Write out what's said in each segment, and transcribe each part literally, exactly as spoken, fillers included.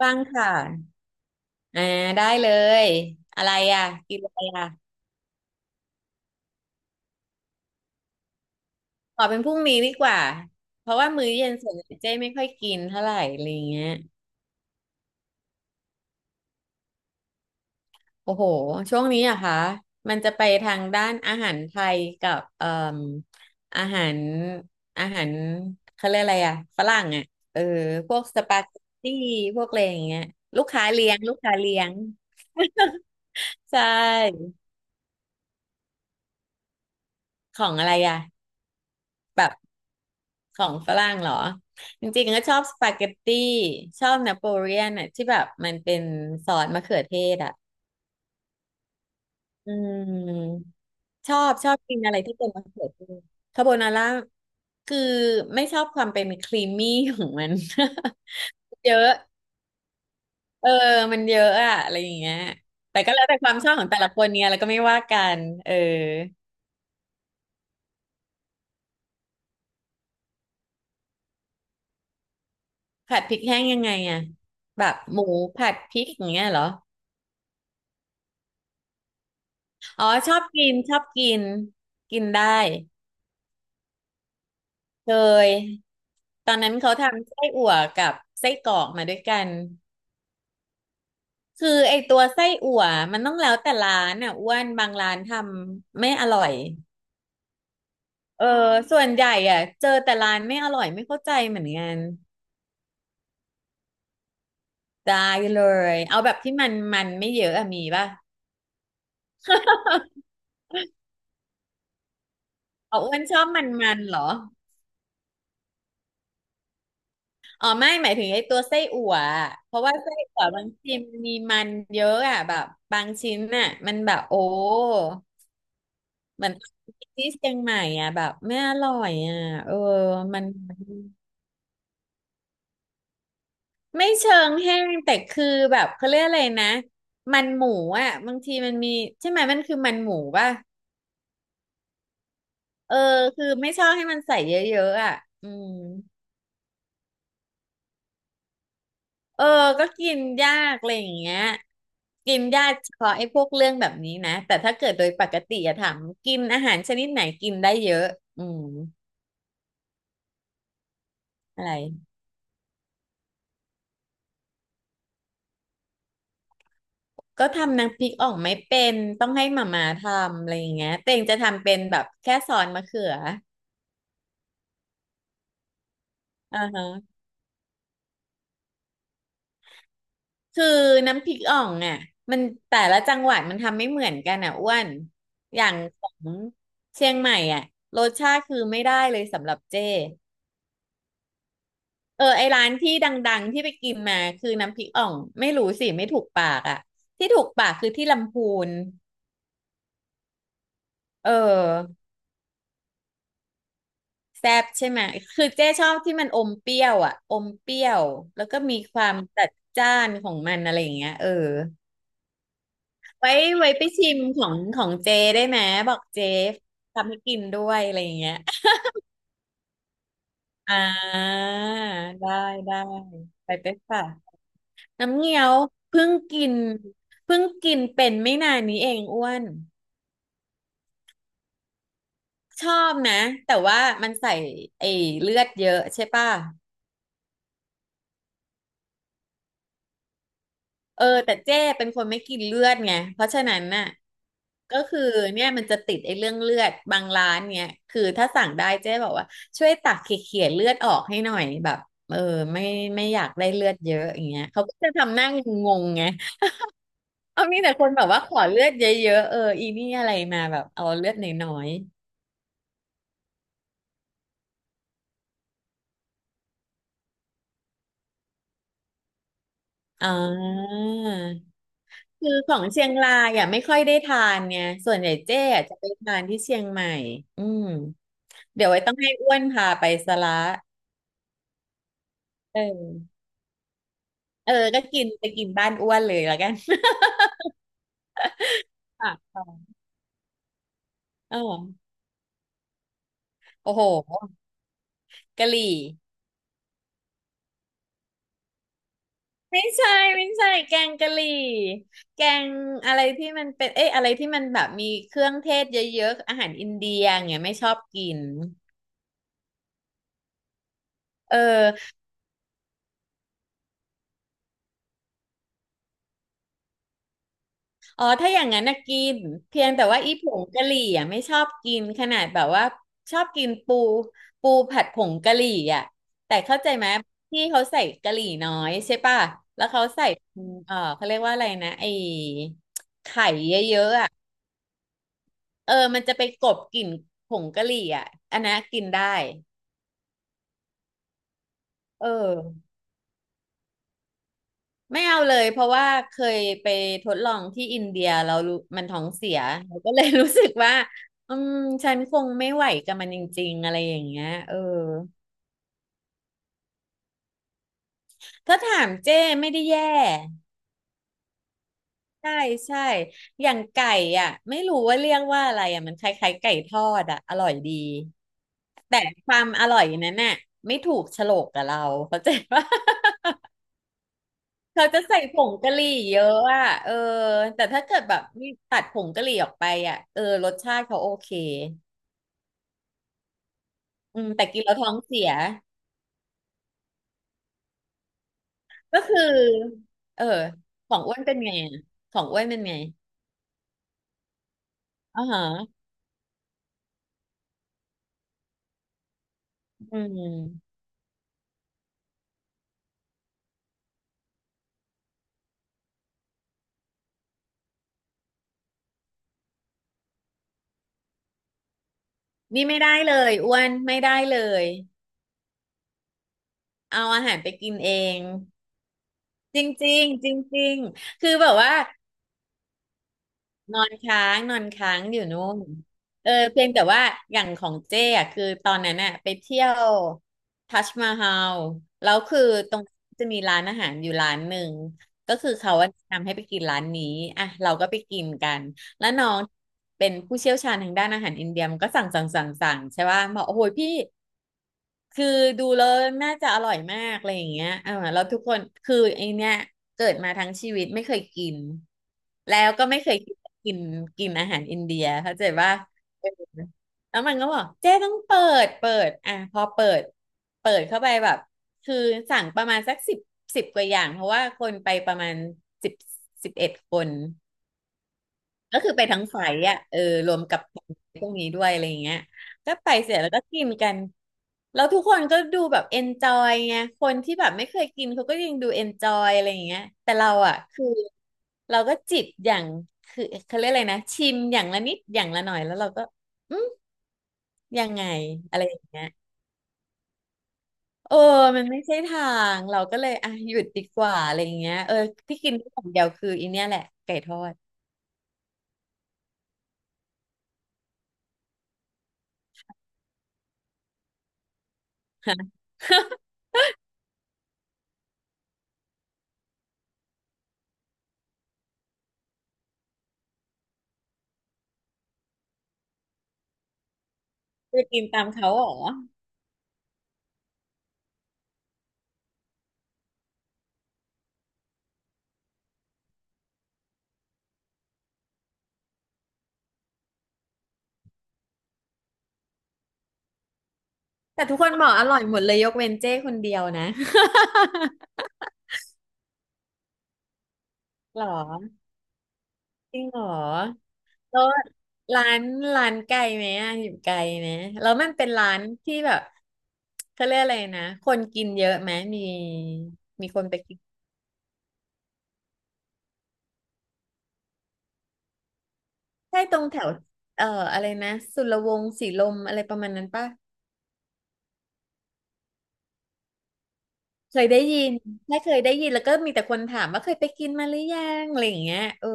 บ้างค่ะอ่าได้เลยอะไรอ่ะกินอะไรอ่ะขอเป็นพรุ่งนี้ดีกว่า เพราะว่ามื้อเย็นส่วนใหญ่เจ๊ไม่ค่อยกินเท่าไหร่อะไรเงี้ยโอ้โหช่วงนี้อะคะมันจะไปทางด้านอาหารไทยกับเอ่มอาหารอาหารเขาเรียกอะไรอ่ะฝรั่งอ่ะเออพวกสปาเกตตี้พวกอะไรอย่างเงี้ยลูกค้าเลี้ยงลูกค้าเลี้ยง ใช่ของอะไรอ่ะแบบ ของฝรั่งเหรอจริงๆก็ชอบสปาเกตตี้ชอบนาโปเลียนอ่ะที่แบบมันเป็นซอสมะเขือเทศอ่ะอืมชอบชอบกินอะไรที่เป็นมะเขือเทศคาโบนาร่าคือไม่ชอบความเป็นครีมมี่ของมัน เยอะเออมันเยอะอะอะไรอย่างเงี้ยแต่ก็แล้วแต่ความชอบของแต่ละคนเนี่ยแล้วก็ไม่ว่ากันเออผัดพริกแห้งยังไงอะแบบหมูผัดพริกอย่างเงี้ยเหรออ๋อชอบกินชอบกินกินได้ เคยตอนนั้นเขาทำไส้อั่วกับไส้กรอกมาด้วยกันคือไอตัวไส้อั่วมันต้องแล้วแต่ร้านอ่ะอ้วนบางร้านทำไม่อร่อยเออส่วนใหญ่อ่ะเจอแต่ร้านไม่อร่อยไม่เข้าใจเหมือนกันได้เลยเอาแบบที่มันมันไม่เยอะอะมีป่ะเอาอ้วนชอบมันมันเหรออ๋อไม่หมายถึงไอ้ตัวไส้อั่วอะเพราะว่าไส้อั่วบางทีมันมีมันเยอะอ่ะแบบบางชิ้นน่ะมันแบบโอ้ เหมือนที่เชียงใหม่อ่ะแบบไม่อร่อยอ่ะเออมันไม่เชิงแห้งแต่คือแบบเขาเรียกอะไรนะมันหมูอ่ะบางทีมันมีใช่ไหมมันคือมันหมูป่ะเออคือไม่ชอบให้มันใส่เยอะๆอ่ะอืมเออก็กินยากอะไรอย่างเงี้ยกินยากเฉพาะไอ้พวกเรื่องแบบนี้นะแต่ถ้าเกิดโดยปกติอะถามกินอาหารชนิดไหนกินได้เยอะอืมอะไร ก็ทำน้ำพริกอ่องไม่เป็นต้องให้หม่าม่าทำอะไรอย่างเงี้ยเต่งจะทำเป็นแบบแค่ซอสมะเขืออ่าฮะคือน้ำพริกอ่องอ่ะมันแต่ละจังหวัดมันทำไม่เหมือนกันอ่ะอ้วนอย่างของเชียงใหม่อ่ะรสชาติคือไม่ได้เลยสำหรับเจ้เออไอร้านที่ดังๆที่ไปกินมาคือน้ำพริกอ่องไม่รู้สิไม่ถูกปากอ่ะที่ถูกปากคือที่ลำพูนเออ แซบใช่ไหมคือเจ๊ชอบที่มันอมเปรี้ยวอ่ะอมเปรี้ยวแล้วก็มีความจัดจ้านของมันอะไรอย่างเงี้ยเออไว้ไว้ไปชิมของของเจได้ไหมบอกเจทำให้กินด้วยอะไรอย่างเงี้ยอ่าได้ได้ไปเป็นค่ะน้ำเงี้ยวเพิ่งกินเพิ่งกินเป็นไม่นานนี้เองอ้วน ชอบนะ แต่ว่ามันใส่ไอ้เลือดเยอะใช่ป่ะ เออแต่เจ้เป็นคนไม่กินเลือดไงเพราะฉะนั้นน่ะก็คือเนี่ยมันจะติดไอ้เรื่องเลือดบางร้านเนี่ยคือถ้าสั่งได้เจ๊บอกว่าช่วยตักเขี่ยๆเลือดออกให้หน่อยแบบเออไม่ไม่อยากได้เลือดเยอะอย่างเงี้ยเขาก็จะทำหน้างงๆไงเอามีแต่คนแบบว่าขอเลือดเยอะๆเอออีนี่อะไรมาแบบเอาเลือดน้อยๆอ่าคือของเชียงรายอ่ะไม่ค่อยได้ทานเนี่ยส่วนใหญ่เจ๊อะจะไปทานที่เชียงใหม่อืม เดี๋ยวไว้ต้องให้อ้วนพาไปสละเออ เออ ก็กินไปกินบ้านอ้วนเลยแล้วกัน ปากซ อยเออโอ้โหกะหรี่ไม่ใช่ไม่ใช่แกงกะหรี่แกงอะไรที่มันเป็น เอ้ยอะไรที่มันแบบมีเครื่องเทศเยอะๆอาหารอินเดียอย่างเงี้ยไม่ชอบกินเออ อ๋อถ้าอย่างนั้นนะกินเพียงแต่ว่าอีผงกะหรี่อ่ะไม่ชอบกินขนาดแบบว่าชอบกินปูปูผัดผงกะหรี่อ่ะแต่เข้าใจไหมที่เขาใส่กะหรี่น้อยใช่ป่ะแล้วเขาใส่เออเขาเรียกว่าอะไรนะไอ้ไข่เยอะๆอ่ะเออมันจะไปกลบกลิ่นผงกะหรี่อ่ะอันนั้นกินได้เออ ไม่เอาเลยเพราะว่าเคยไปทดลองที่อินเดียเรารู้มันท้องเสียเราก็เลยรู้สึกว่าอืมฉันคงไม่ไหวกับมันจริงๆอะไรอย่างเงี้ยเออถ้าถามเจ้ไม่ได้แย่ใช่ใช่อย่างไก่อ่ะไม่รู้ว่าเรียกว่าอะไรอ่ะมันคล้ายๆไก่ทอดอ่ะอร่อยดีแต่ความอร่อยนั้นน่ะไม่ถูกโฉลกกับเราเข้าใจปะ เขาจะใส่ผงกะหรี่เยอะอ่ะเออแต่ถ้าเกิดแบบนี่ตัดผงกะหรี่ออกไปอ่ะเออรสชาติเขาโอเค อืมแต่กินแล้วท้องเสียก็คือเออของอ้วนเป็นไงอะของอ้วนเป็นไงอ๋อฮะอืมนี่ไม่ได้เลยอ้วนไม่ได้เลยเอาอาหารไปกินเองจริงๆจริงๆคือแบบว่า นอนค้างนอนค้างอยู่นู่นเออเพียงแต่ว่าอย่างของเจ้อะคือตอนนั้นน่ะไปเที่ยวทัชมาฮาลแล้วคือตรงน้จะมีร้านอาหารอยู่ร้านหนึ่งก็คือเขาอะแนะนำให้ไปกินร้านนี้อ่ะเราก็ไปกินกันแล้วน้องเป็นผู้เชี่ยวชาญทางด้านอาหารอินเดียมันก็สั่งสั่งสั่งสั่งใช่ป่ะบอกโอ้โหพี่ คือดูแล้วน่าจะอร่อยมากอะไรอย่างเงี้ยออแล้วทุกคนคือไอเนี้ยเกิดมาทั้งชีวิตไม่เคยกินแล้วก็ไม่เคยกินกินกินอาหารอินเดียเข้าใจว่าเออแล้วมันก็บอกเจ๊ต้องเปิดเปิดอ่ะพอเปิดเปิดเข้าไปแบบคือสั่งประมาณสักสิบสิบกว่าอย่างเพราะว่าคนไปประมาณสิบสิบเอ็ดคน ก็คือไปทั้งไฟอ่ะเออรวมกับพวกนี้ด้วยอะไรอย่างเงี้ยก็ไปเสร็จแล้วก็กินกันแล้วทุกคนก็ดูแบบเอนจอยไงคนที่แบบไม่เคยกินเขาก็ยังดูเอนจอยอะไรอย่างเงี้ยแต่เราอ่ะคือเราก็จิบอย่างคือเขาเรียกอะไรนะชิมอย่างละนิดอย่างละหน่อยแล้วเราก็อืมยังไงอะไรอย่างเงี้ยเออมันไม่ใช่ทางเราก็เลยอ่ะหยุดดีกว่าอะไรอย่างเงี้ยเออที่กินที่อย่างเดียวคืออีเนี่ยแหละไก่ทอดฮะ จะกินตามเขาเหรอ แต่ทุกคนบอกอร่อยหมดเลยยกเว้นเจ้คนเดียวนะ หรอจริงเหรอแล้วร้านร้านไกลไหมอะอยู่ไกลไหมแล้วมันเป็นร้านที่แบบเขาเรียกอะไรนะคนกินเยอะไหมมีมีคนไปกินใช่ตรงแถวเอ่ออะไรนะสุรวงศ์สีลมอะไรประมาณนั้นปะเคยได้ยินไม่เคยได้ยินแล้วก็มีแต่คนถามว่าเคยไปกินมาหรือยังอะไรอย่างเงี้ยเออ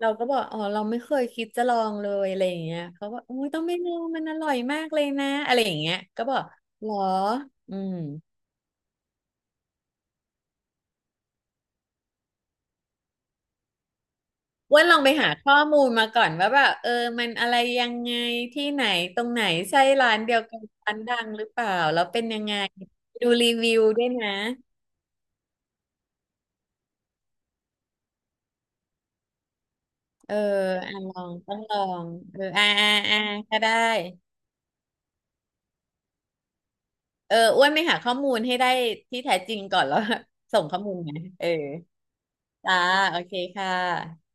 เราก็บอกอ๋อเราไม่เคยคิดจะลองเลยอะไรอย่างเงี้ยเขาบอกโอ้ยต้องไม่ลองมันอร่อยมากเลยนะอะไรอย่างเงี้ยก็บอกหรออืมอ้ว่าลองไปหาข้อมูลมาก่อนว่าแบบเออมันอะไรยังไงที่ไหนตรงไหนใช่ร้านเดียวกันร้านดังหรือเปล่าแล้วเป็นยังไงดูรีวิวด้วยนะเอออ่ะลองต้องลองเอออ่าอ่าอ่าก็ได้เอออ้วนไปหาข้อมูลให้ได้ที่แท้จริงก่อนแล้ว ส่งข้อมูลไงเออจ้าโอเคค่ะ